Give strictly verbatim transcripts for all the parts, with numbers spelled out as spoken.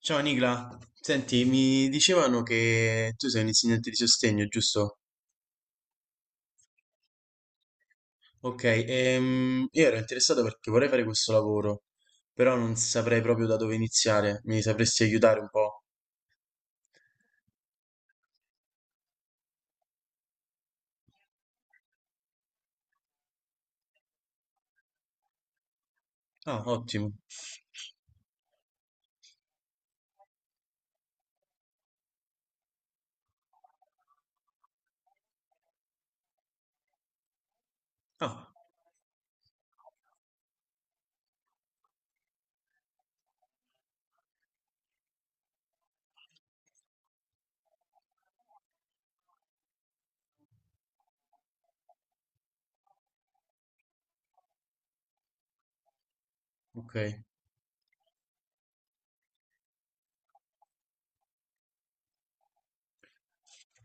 Ciao Nicla, senti, mi dicevano che tu sei un insegnante di sostegno, giusto? Ok, ehm, io ero interessato perché vorrei fare questo lavoro, però non saprei proprio da dove iniziare, mi sapresti aiutare un po'? Ah, ottimo. Ah, ok.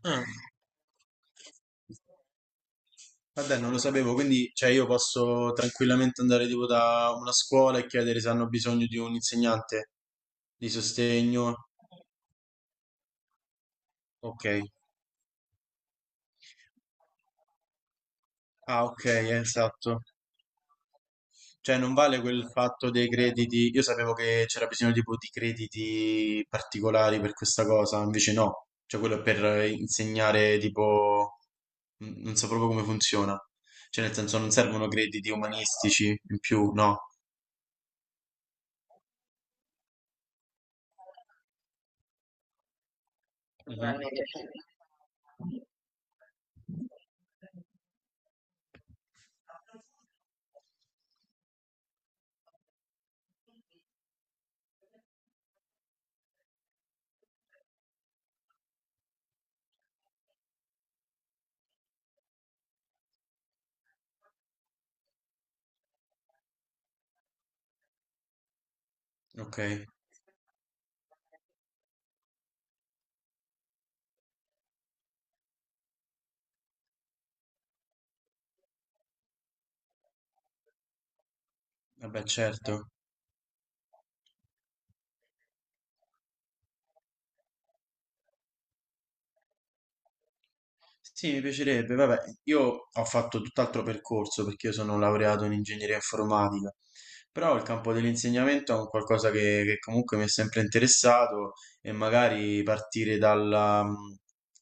Ah, vabbè, non lo sapevo, quindi cioè, io posso tranquillamente andare tipo da una scuola e chiedere se hanno bisogno di un insegnante di sostegno. Ok. Ah, ok, esatto. Cioè non vale quel fatto dei crediti. Io sapevo che c'era bisogno tipo di crediti particolari per questa cosa, invece no. Cioè quello è per eh, insegnare tipo n- non so proprio come funziona. Cioè nel senso non servono crediti umanistici in più, no. Mhm. Ok, vabbè, certo. Sì, mi piacerebbe. Vabbè, io ho fatto tutt'altro percorso perché io sono laureato in ingegneria informatica, però il campo dell'insegnamento è un qualcosa che, che comunque mi è sempre interessato e magari partire dalla- mm,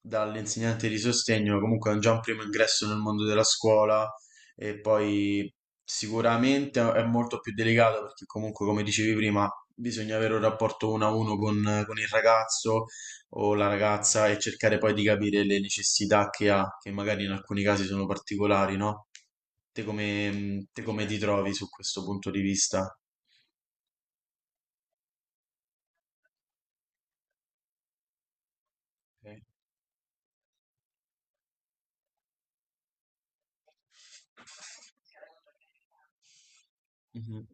dall'insegnante di sostegno comunque è già un primo ingresso nel mondo della scuola e poi sicuramente è molto più delicato perché comunque, come dicevi prima, bisogna avere un rapporto uno a uno con con il ragazzo o la ragazza e cercare poi di capire le necessità che ha, che magari in alcuni casi sono particolari, no? Te come, mh, te come ti trovi su questo punto di vista? Ok. Mhm.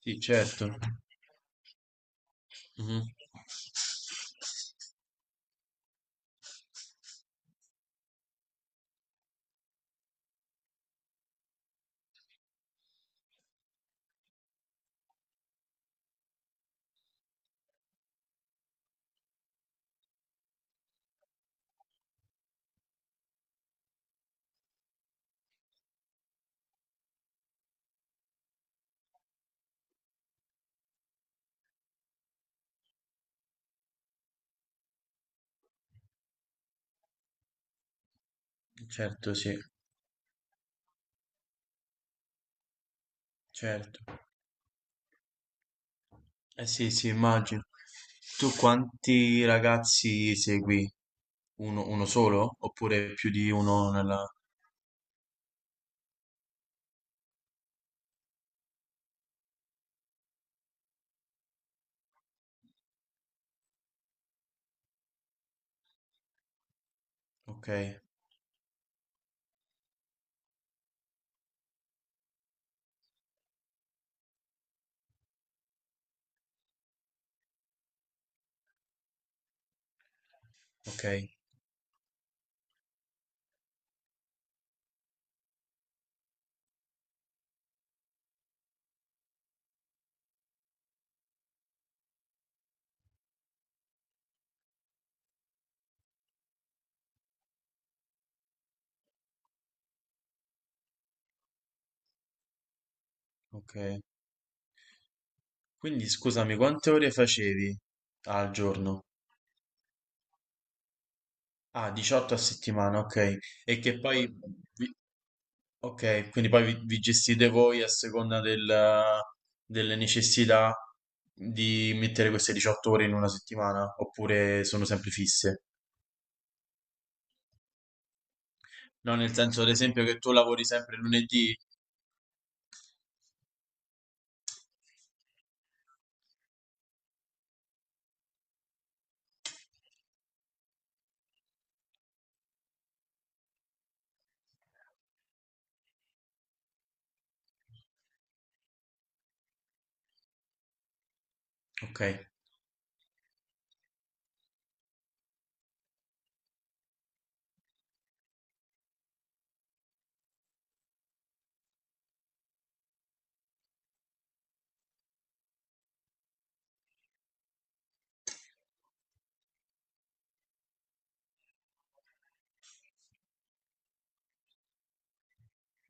Sì, certo. Mhm. Certo, sì, certo. Eh sì, sì, immagino. Tu quanti ragazzi segui? Uno, uno solo? Oppure più di uno nella... Ok, ok, ok. Quindi scusami, quante ore facevi al giorno? Ah, diciotto a settimana, ok. E che poi, vi- ok, quindi poi vi, vi gestite voi a seconda del- delle necessità di mettere queste diciotto ore in una settimana, oppure sono sempre fisse? No, nel senso, ad esempio, che tu lavori sempre lunedì, ok.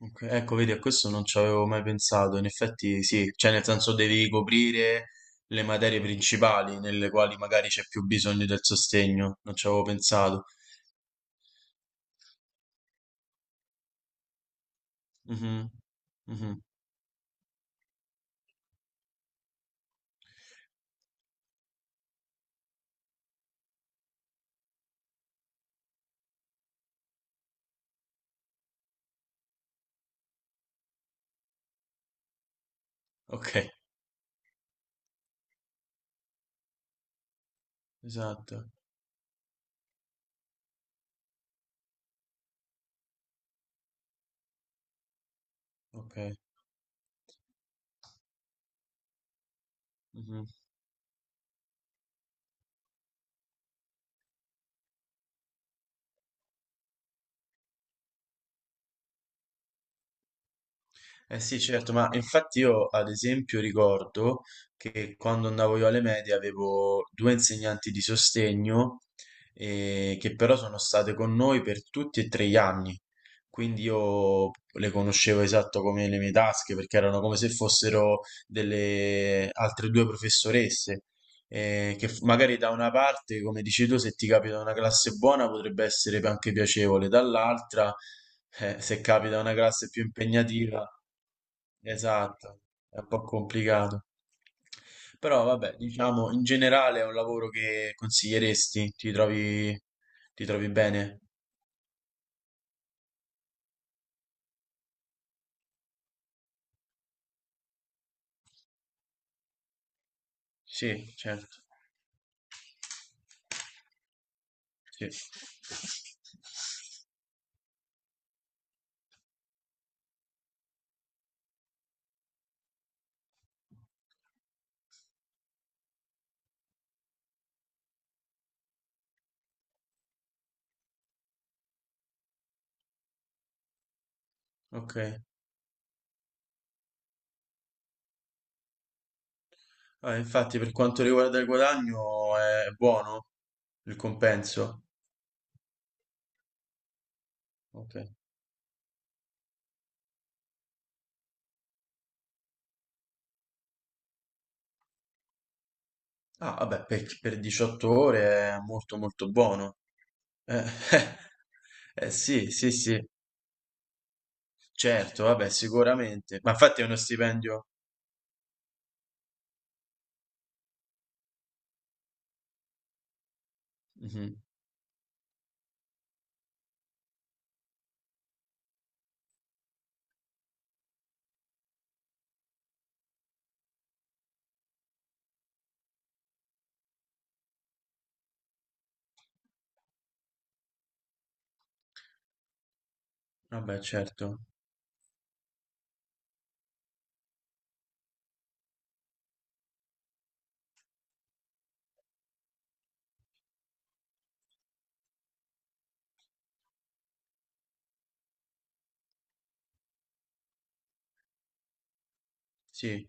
Ok, ecco, vedi, a questo non ci avevo mai pensato. In effetti, sì, cioè, nel senso devi coprire le materie principali nelle quali magari c'è più bisogno del sostegno. Non ci avevo pensato. Mhm, mhm. Ok, esatto. Ok. Mhm. Eh sì, certo, ma infatti io ad esempio ricordo che quando andavo io alle medie avevo due insegnanti di sostegno eh, che però sono state con noi per tutti e tre gli anni, quindi io le conoscevo esatto come le mie tasche perché erano come se fossero delle altre due professoresse eh, che f- magari da una parte, come dici tu, se ti capita una classe buona potrebbe essere anche piacevole, dall'altra, eh, se capita una classe più impegnativa, esatto, è un po' complicato. Però vabbè, diciamo, in generale è un lavoro che consiglieresti, ti trovi, ti trovi bene? Sì, certo, sì. Ok. Ah, infatti, per quanto riguarda il guadagno, è buono il compenso. Ok. Ah, vabbè, per, per diciotto ore è molto molto buono. Eh, eh, sì, sì, sì, certo, vabbè, sicuramente. Ma infatti è uno stipendio. Mhm. Vabbè, certo, sì.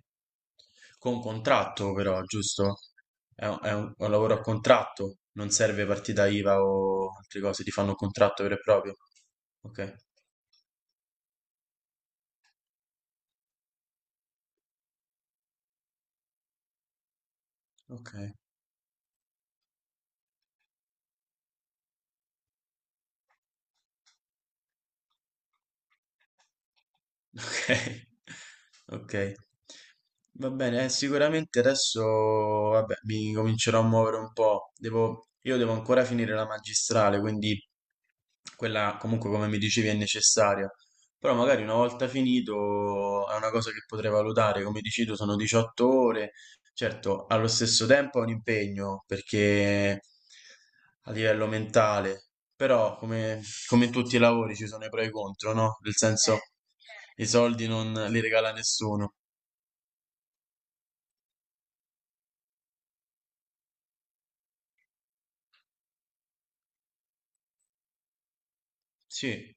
Con contratto però, giusto? È un, è un- è un lavoro a contratto, non serve partita I V A o altre cose, ti fanno un contratto vero e proprio. Ok, ok. Okay, okay. Va bene, eh, sicuramente adesso vabbè, mi comincerò a muovere un po'. Devo io devo ancora finire la magistrale, quindi quella comunque come mi dicevi è necessaria. Però magari una volta finito è una cosa che potrei valutare, come dici tu sono diciotto ore. Certo, allo stesso tempo è un impegno perché a livello mentale, però come, come in tutti i lavori ci sono i pro e i contro, no? Nel senso i soldi non li regala nessuno. Sì,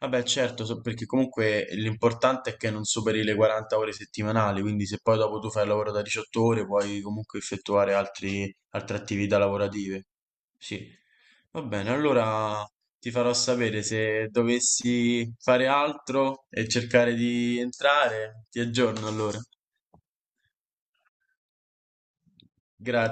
vabbè, certo, so- perché comunque l'importante è che non superi le quaranta ore settimanali, quindi se poi dopo tu fai il lavoro da diciotto ore puoi comunque effettuare altri- altre attività lavorative. Sì, va bene, allora ti farò sapere se dovessi fare altro e cercare di entrare. Ti aggiorno allora. Grazie.